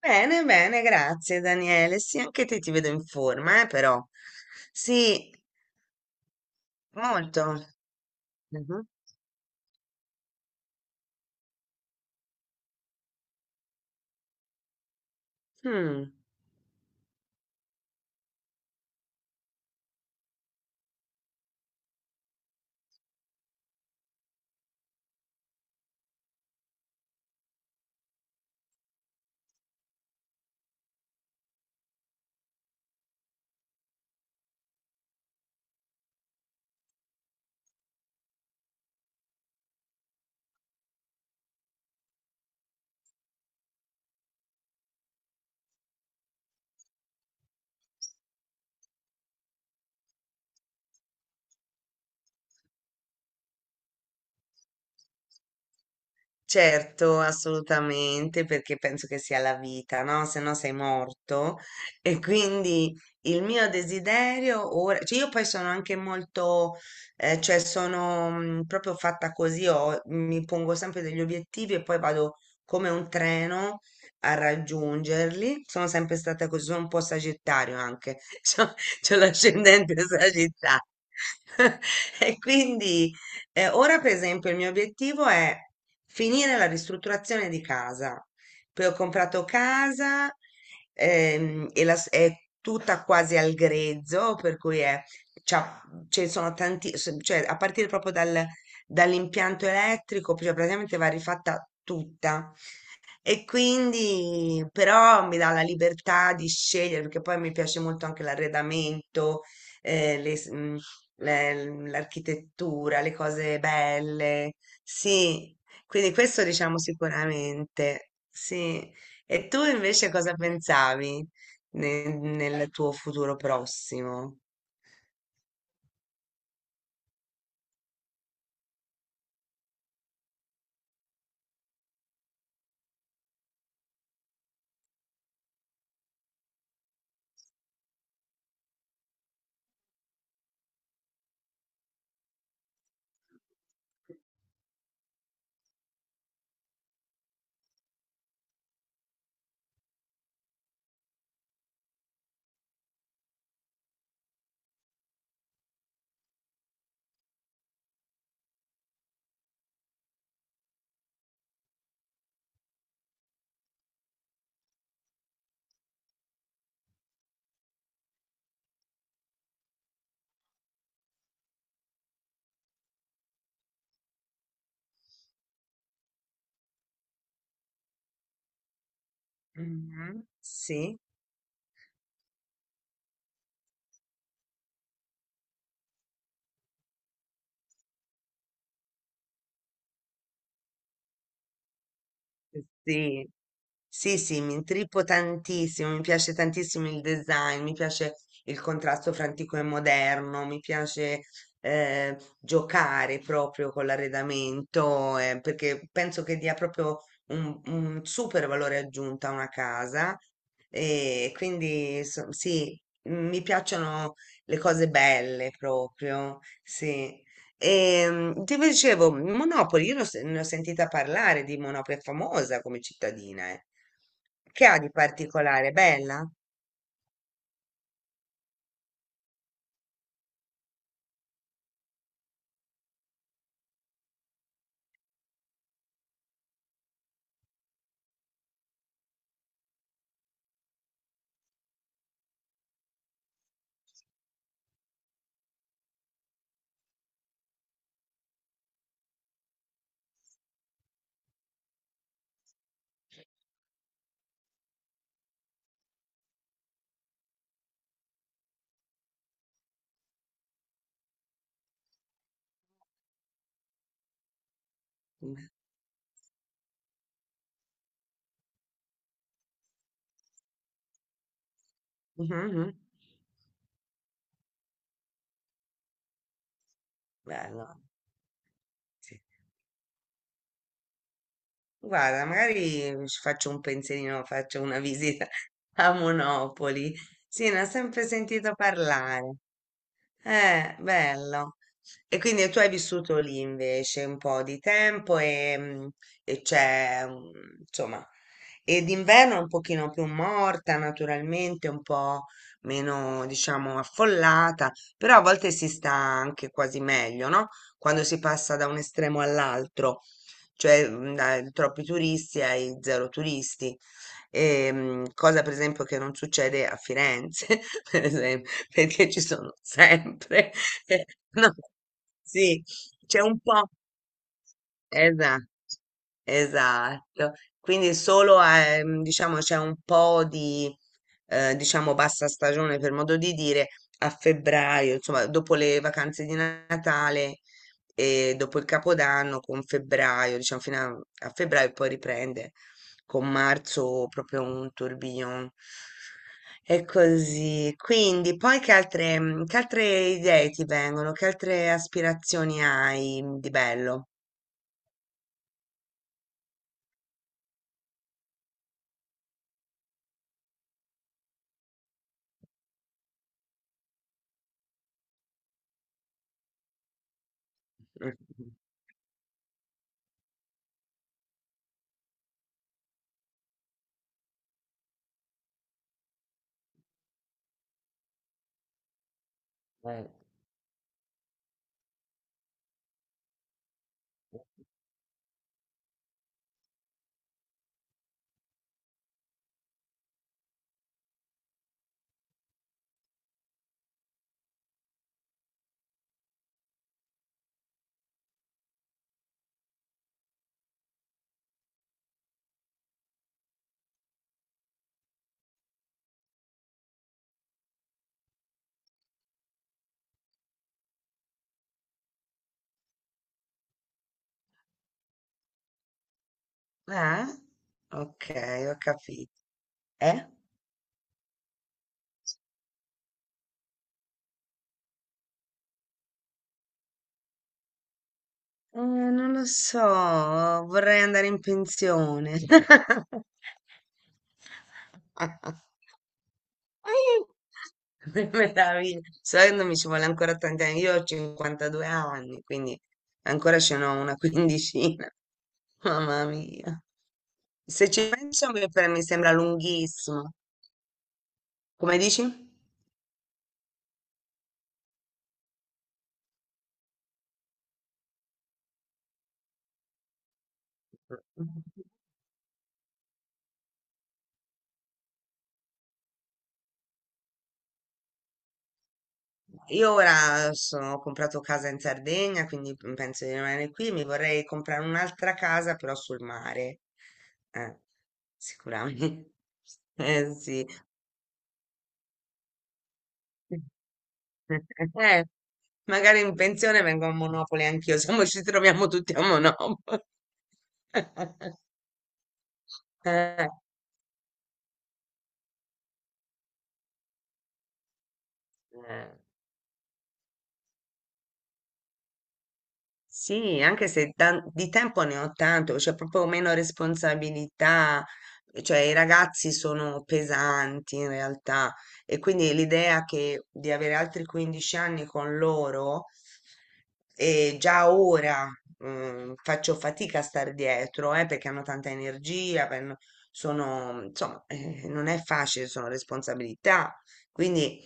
Bene, bene, grazie Daniele. Sì, anche te ti vedo in forma, però. Sì, molto. Mhm. Mm. Certo, assolutamente, perché penso che sia la vita, no? Se no sei morto. E quindi il mio desiderio ora, cioè io poi sono anche molto, cioè sono proprio fatta così, mi pongo sempre degli obiettivi e poi vado come un treno a raggiungerli. Sono sempre stata così, sono un po' sagittario anche, c'ho l'ascendente sagittario. E quindi ora, per esempio, il mio obiettivo è finire la ristrutturazione di casa. Poi ho comprato casa e è tutta quasi al grezzo, per cui è, c'ha- ce sono tanti, cioè a partire proprio dall'impianto elettrico, cioè praticamente va rifatta tutta. E quindi però mi dà la libertà di scegliere, perché poi mi piace molto anche l'arredamento, l'architettura, le cose belle, sì, quindi questo diciamo sicuramente, sì. E tu invece cosa pensavi nel tuo futuro prossimo? Mhm. Sì. Sì, sì, sì, mi intrippo tantissimo, mi piace tantissimo il design, mi piace il contrasto fra antico e moderno, mi piace giocare proprio con l'arredamento, perché penso che dia proprio un super valore aggiunto a una casa e quindi sì, mi piacciono le cose belle proprio, sì. E, ti dicevo, Monopoli, io l'ho se- ne ho sentita parlare di Monopoli, è famosa come cittadina, eh. Che ha di particolare? Bella? Mhm, mhm. Bello, sì. Guarda, magari ci faccio un pensierino, faccio una visita a Monopoli. Sì, ne ho sempre sentito parlare. Bello. E quindi tu hai vissuto lì invece un po' di tempo e, e c'è, insomma, e d'inverno è un pochino più morta naturalmente, un po' meno, diciamo, affollata, però a volte si sta anche quasi meglio, no? Quando si passa da un estremo all'altro, cioè dai troppi turisti ai zero turisti. Cosa per esempio che non succede a Firenze, per esempio, perché ci sono sempre, eh, no, sì, c'è un po', esatto. Esatto, quindi solo diciamo c'è un po' di diciamo bassa stagione per modo di dire a febbraio, insomma dopo le vacanze di Natale e dopo il Capodanno con febbraio, diciamo fino a febbraio poi riprende con marzo proprio un tourbillon. E così, quindi poi che altre, che altre idee ti vengono? Che altre aspirazioni hai di bello? Eh? Ok, ho capito. Eh? Non lo so, vorrei andare in pensione. Meraviglia. Sai che non mi ci vuole ancora tanti anni. Io ho 52 anni, quindi ancora ce n'ho una quindicina. Mamma mia. Se ci penso, mi sembra lunghissimo. Come dici? Io ora sono, ho comprato casa in Sardegna, quindi penso di rimanere qui. Mi vorrei comprare un'altra casa, però sul mare. Eh, sicuramente. Eh sì. Eh, magari in pensione vengo a Monopoli anch'io, se no ci troviamo tutti a Monopoli. Eh, eh. Sì, anche se di tempo ne ho tanto, c'è proprio meno responsabilità, cioè i ragazzi sono pesanti in realtà e quindi l'idea che di avere altri 15 anni con loro e già ora faccio fatica a stare dietro, perché hanno tanta energia, hanno- sono, insomma, non è facile, sono responsabilità, quindi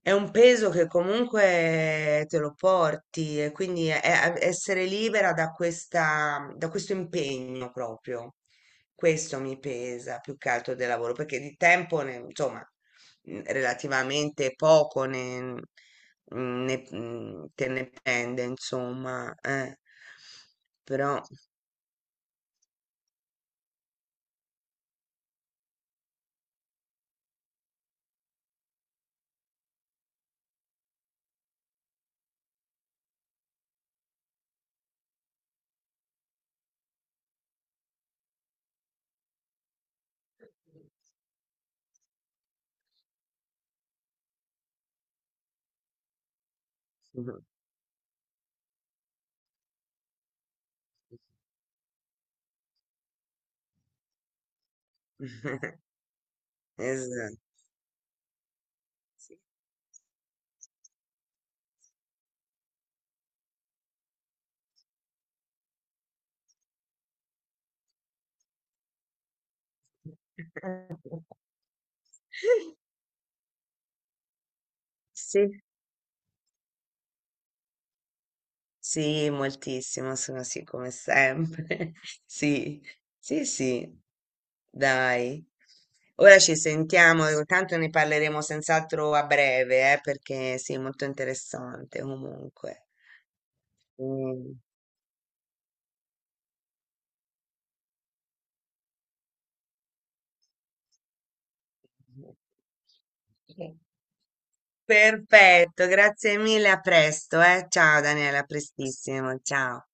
è un peso che comunque te lo porti e quindi è essere libera da questa, da questo impegno proprio. Questo mi pesa più che altro del lavoro, perché di tempo, insomma, relativamente poco ne, te ne prende, insomma. Eh. Però... Esatto. Sì. Sì, moltissimo, sono sì, come sempre. Sì, sì, sì, dai. Ora ci sentiamo, tanto ne parleremo senz'altro a breve, perché sì, molto interessante comunque. Mm. Perfetto, grazie mille, a presto, eh. Ciao Daniela, a prestissimo, ciao.